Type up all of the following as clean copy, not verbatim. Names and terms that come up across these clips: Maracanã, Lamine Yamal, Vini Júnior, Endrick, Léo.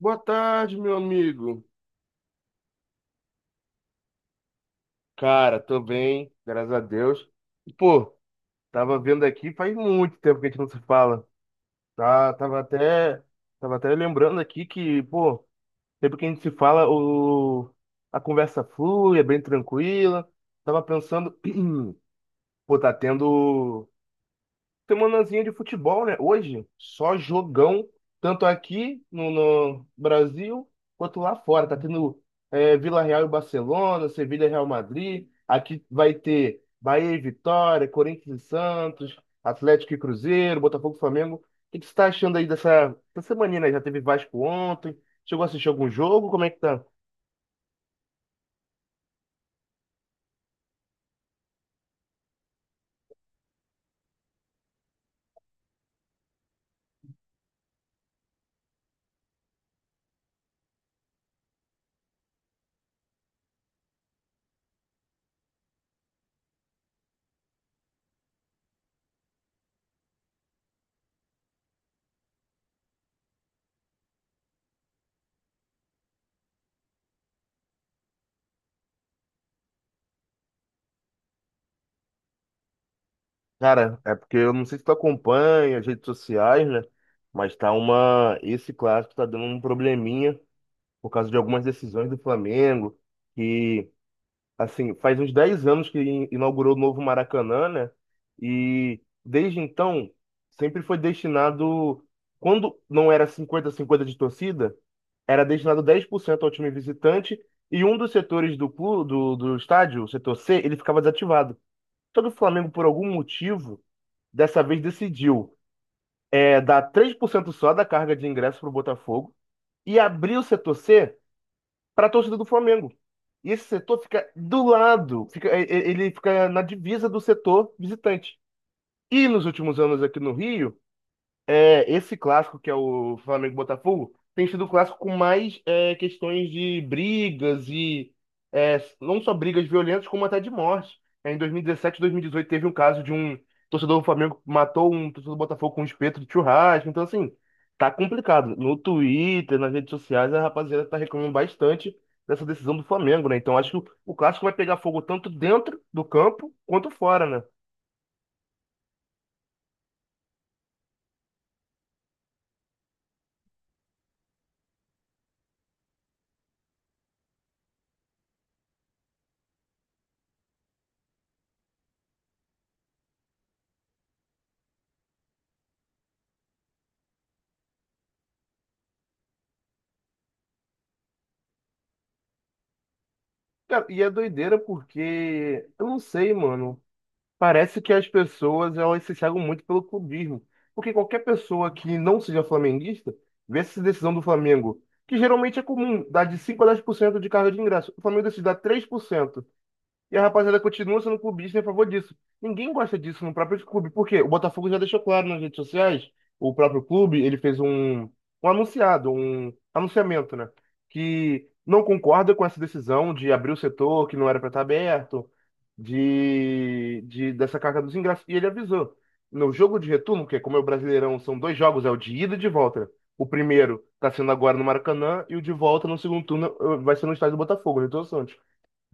Boa tarde, meu amigo. Cara, tô bem, graças a Deus. E, pô, tava vendo aqui faz muito tempo que a gente não se fala. Tá, tava até lembrando aqui que, pô, sempre que a gente se fala, a conversa flui, é bem tranquila. Tava pensando, pô, tá tendo. semanazinha de futebol, né? Hoje, só jogão, tanto aqui no Brasil quanto lá fora. Tá tendo Vila Real e Barcelona, Sevilha e Real Madrid. Aqui vai ter Bahia e Vitória, Corinthians e Santos, Atlético e Cruzeiro, Botafogo e Flamengo. O que que você tá achando aí dessa semana, né? Já teve Vasco ontem. Chegou a assistir algum jogo? Como é que tá? Cara, é porque eu não sei se tu acompanha as redes sociais, né? Mas tá uma. esse clássico tá dando um probleminha por causa de algumas decisões do Flamengo, que, assim, faz uns 10 anos que inaugurou o novo Maracanã, né? E desde então, sempre foi destinado, quando não era 50 cinquenta de torcida, era destinado 10% ao time visitante e um dos setores do clube, do estádio, o setor C, ele ficava desativado. Só que o Flamengo, por algum motivo, dessa vez decidiu dar 3% só da carga de ingresso para o Botafogo e abrir o setor C para a torcida do Flamengo. E esse setor fica do lado, ele fica na divisa do setor visitante. E nos últimos anos aqui no Rio, é, esse clássico que é o Flamengo e Botafogo tem sido o clássico com mais questões de brigas e não só brigas violentas, como até de morte. Em 2017, 2018 teve um caso de um torcedor do Flamengo que matou um torcedor do Botafogo com um espeto de churrasco. Então, assim, tá complicado. No Twitter, nas redes sociais, a rapaziada tá reclamando bastante dessa decisão do Flamengo, né? Então, acho que o clássico vai pegar fogo tanto dentro do campo quanto fora, né? Cara, e é doideira porque eu não sei, mano. Parece que as pessoas elas se cegam muito pelo clubismo, porque qualquer pessoa que não seja flamenguista vê essa decisão do Flamengo, que geralmente é comum, dá de 5% a 10% de carga de ingresso. O Flamengo decide dar 3% e a rapaziada continua sendo clubista em favor disso. Ninguém gosta disso no próprio clube. Por quê? O Botafogo já deixou claro nas redes sociais, o próprio clube, ele fez um anunciamento, né? Que não concorda com essa decisão de abrir o setor que não era para estar aberto, de dessa carga dos ingressos. E ele avisou. No jogo de retorno, que é como é o Brasileirão, são dois jogos, é o de ida e de volta, né? O primeiro está sendo agora no Maracanã e o de volta no segundo turno eh, vai ser no estádio do Botafogo, no Newton Santos.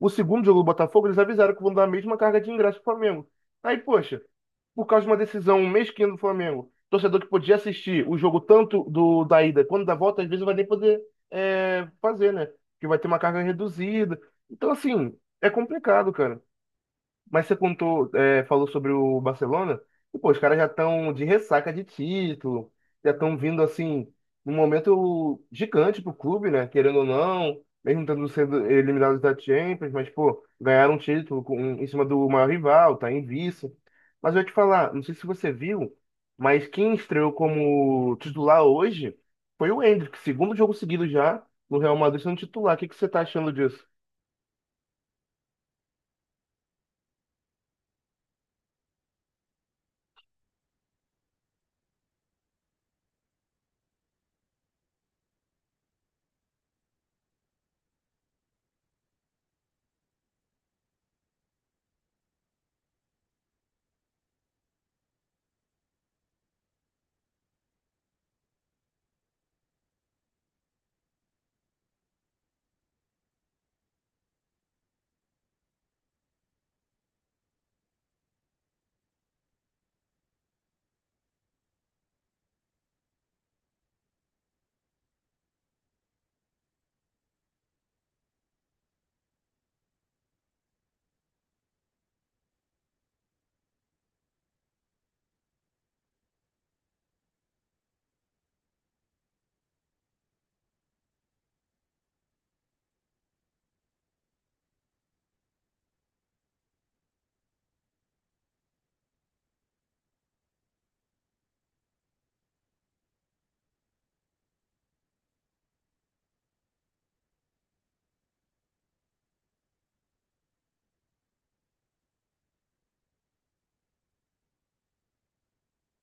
O segundo jogo do Botafogo, eles avisaram que vão dar a mesma carga de ingresso pro Flamengo. Aí, poxa, por causa de uma decisão mesquinha do Flamengo, torcedor que podia assistir o jogo tanto do da ida quanto da volta, às vezes não vai nem poder fazer, né? Porque vai ter uma carga reduzida. Então, assim, é complicado, cara. Mas você contou, é, falou sobre o Barcelona, e pô, os caras já estão de ressaca de título, já estão vindo assim, num momento gigante pro clube, né? Querendo ou não, mesmo tendo sendo eliminados da Champions, mas pô, ganharam um título com- em cima do maior rival, tá em vice. Mas eu ia te falar, não sei se você viu, mas quem estreou como titular hoje foi o Endrick, segundo jogo seguido já, no Real Madrid sendo titular. O que que você tá achando disso?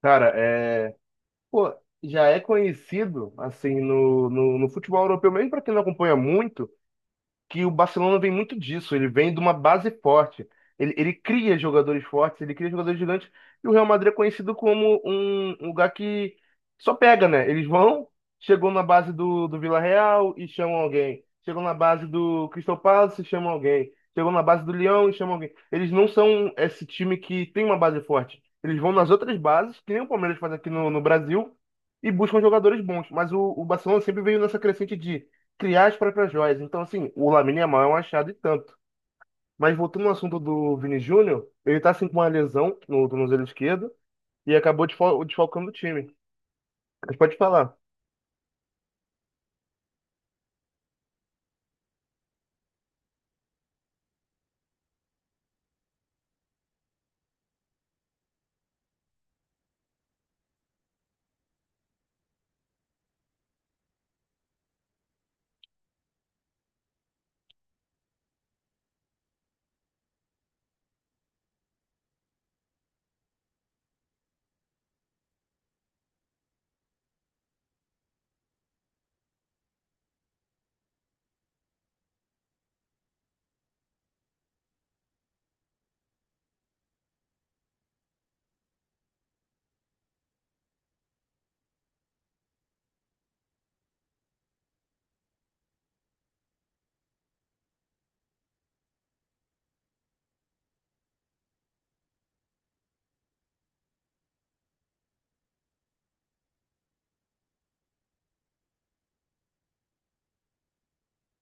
Cara, é, pô, já é conhecido, assim, no futebol europeu, mesmo para quem não acompanha muito, que o Barcelona vem muito disso, ele vem de uma base forte. Ele cria jogadores fortes, ele cria jogadores gigantes, e o Real Madrid é conhecido como um lugar que só pega, né? Eles vão, chegou na base do Villarreal e chamam alguém. Chegou na base do Crystal Palace e chamam alguém. Chegou na base do Lyon e chamam alguém. Eles não são esse time que tem uma base forte. Eles vão nas outras bases, que nem o Palmeiras faz aqui no Brasil, e buscam jogadores bons. Mas o Barcelona sempre veio nessa crescente de criar as próprias joias. Então, assim, o Lamine Yamal é um achado e tanto. Mas voltando ao assunto do Vini Júnior, ele tá assim com uma lesão no tornozelo esquerdo e acabou desfalcando o time. Mas pode falar.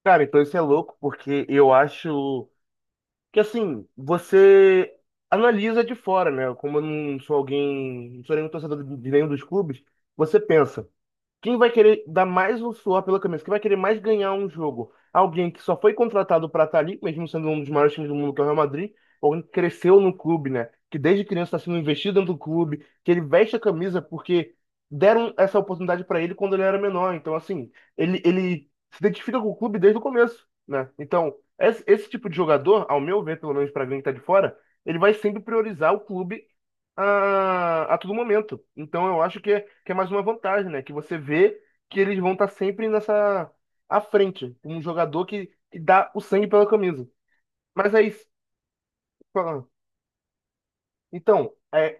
Cara, então isso é louco, porque eu acho que assim, você analisa de fora, né? Como eu não sou alguém, não sou nenhum torcedor de nenhum dos clubes, você pensa. Quem vai querer dar mais o suor pela camisa? Quem vai querer mais ganhar um jogo? Alguém que só foi contratado para estar ali, mesmo sendo um dos maiores times do mundo, que é o Real Madrid, ou alguém que cresceu no clube, né? Que desde criança está sendo investido dentro do clube, que ele veste a camisa porque deram essa oportunidade para ele quando ele era menor. Então, assim, ele se identifica com o clube desde o começo, né? Então, esse tipo de jogador, ao meu ver, pelo menos para alguém que está de fora, ele vai sempre priorizar o clube a todo momento. Então, eu acho que é mais uma vantagem, né? Que você vê que eles vão estar sempre nessa à frente, um jogador que dá o sangue pela camisa. Mas aí, fala, então,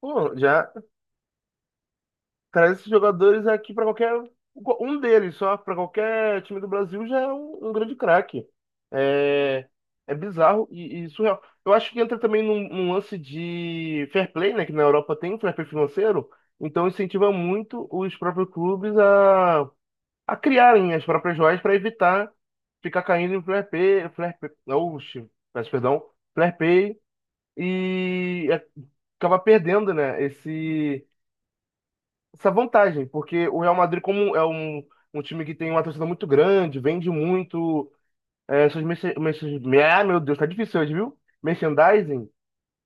pô, já traz esses jogadores aqui para qualquer um deles só para qualquer time do Brasil já é um grande craque. É, é bizarro e surreal. Eu acho que entra também num lance de fair play, né? Que na Europa tem um fair play financeiro, então incentiva muito os próprios clubes a criarem as próprias joias para evitar ficar caindo em flare pay, oxe, peço perdão, flare pay e é- acaba perdendo, né, esse, essa vantagem, porque o Real Madrid, como é um time que tem uma torcida muito grande, vende muito, é, ah, meu Deus, tá difícil hoje, viu? Merchandising,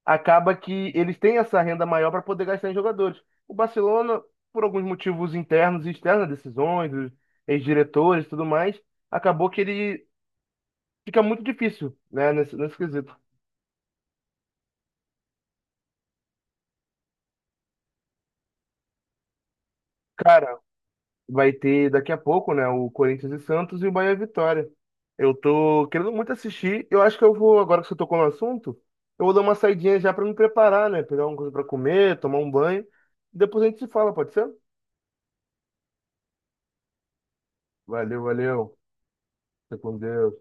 acaba que eles têm essa renda maior para poder gastar em jogadores. O Barcelona, por alguns motivos internos e externos, decisões, dos ex-diretores e tudo mais, acabou que ele fica muito difícil, né, nesse quesito. Cara, vai ter daqui a pouco, né, o Corinthians e Santos e o Bahia e Vitória. Eu tô querendo muito assistir. Eu acho que eu vou, agora que você tocou no assunto, eu vou dar uma saidinha já para me preparar, né, pegar alguma coisa para comer, tomar um banho. Depois a gente se fala, pode ser? Valeu, valeu. Fica com Deus.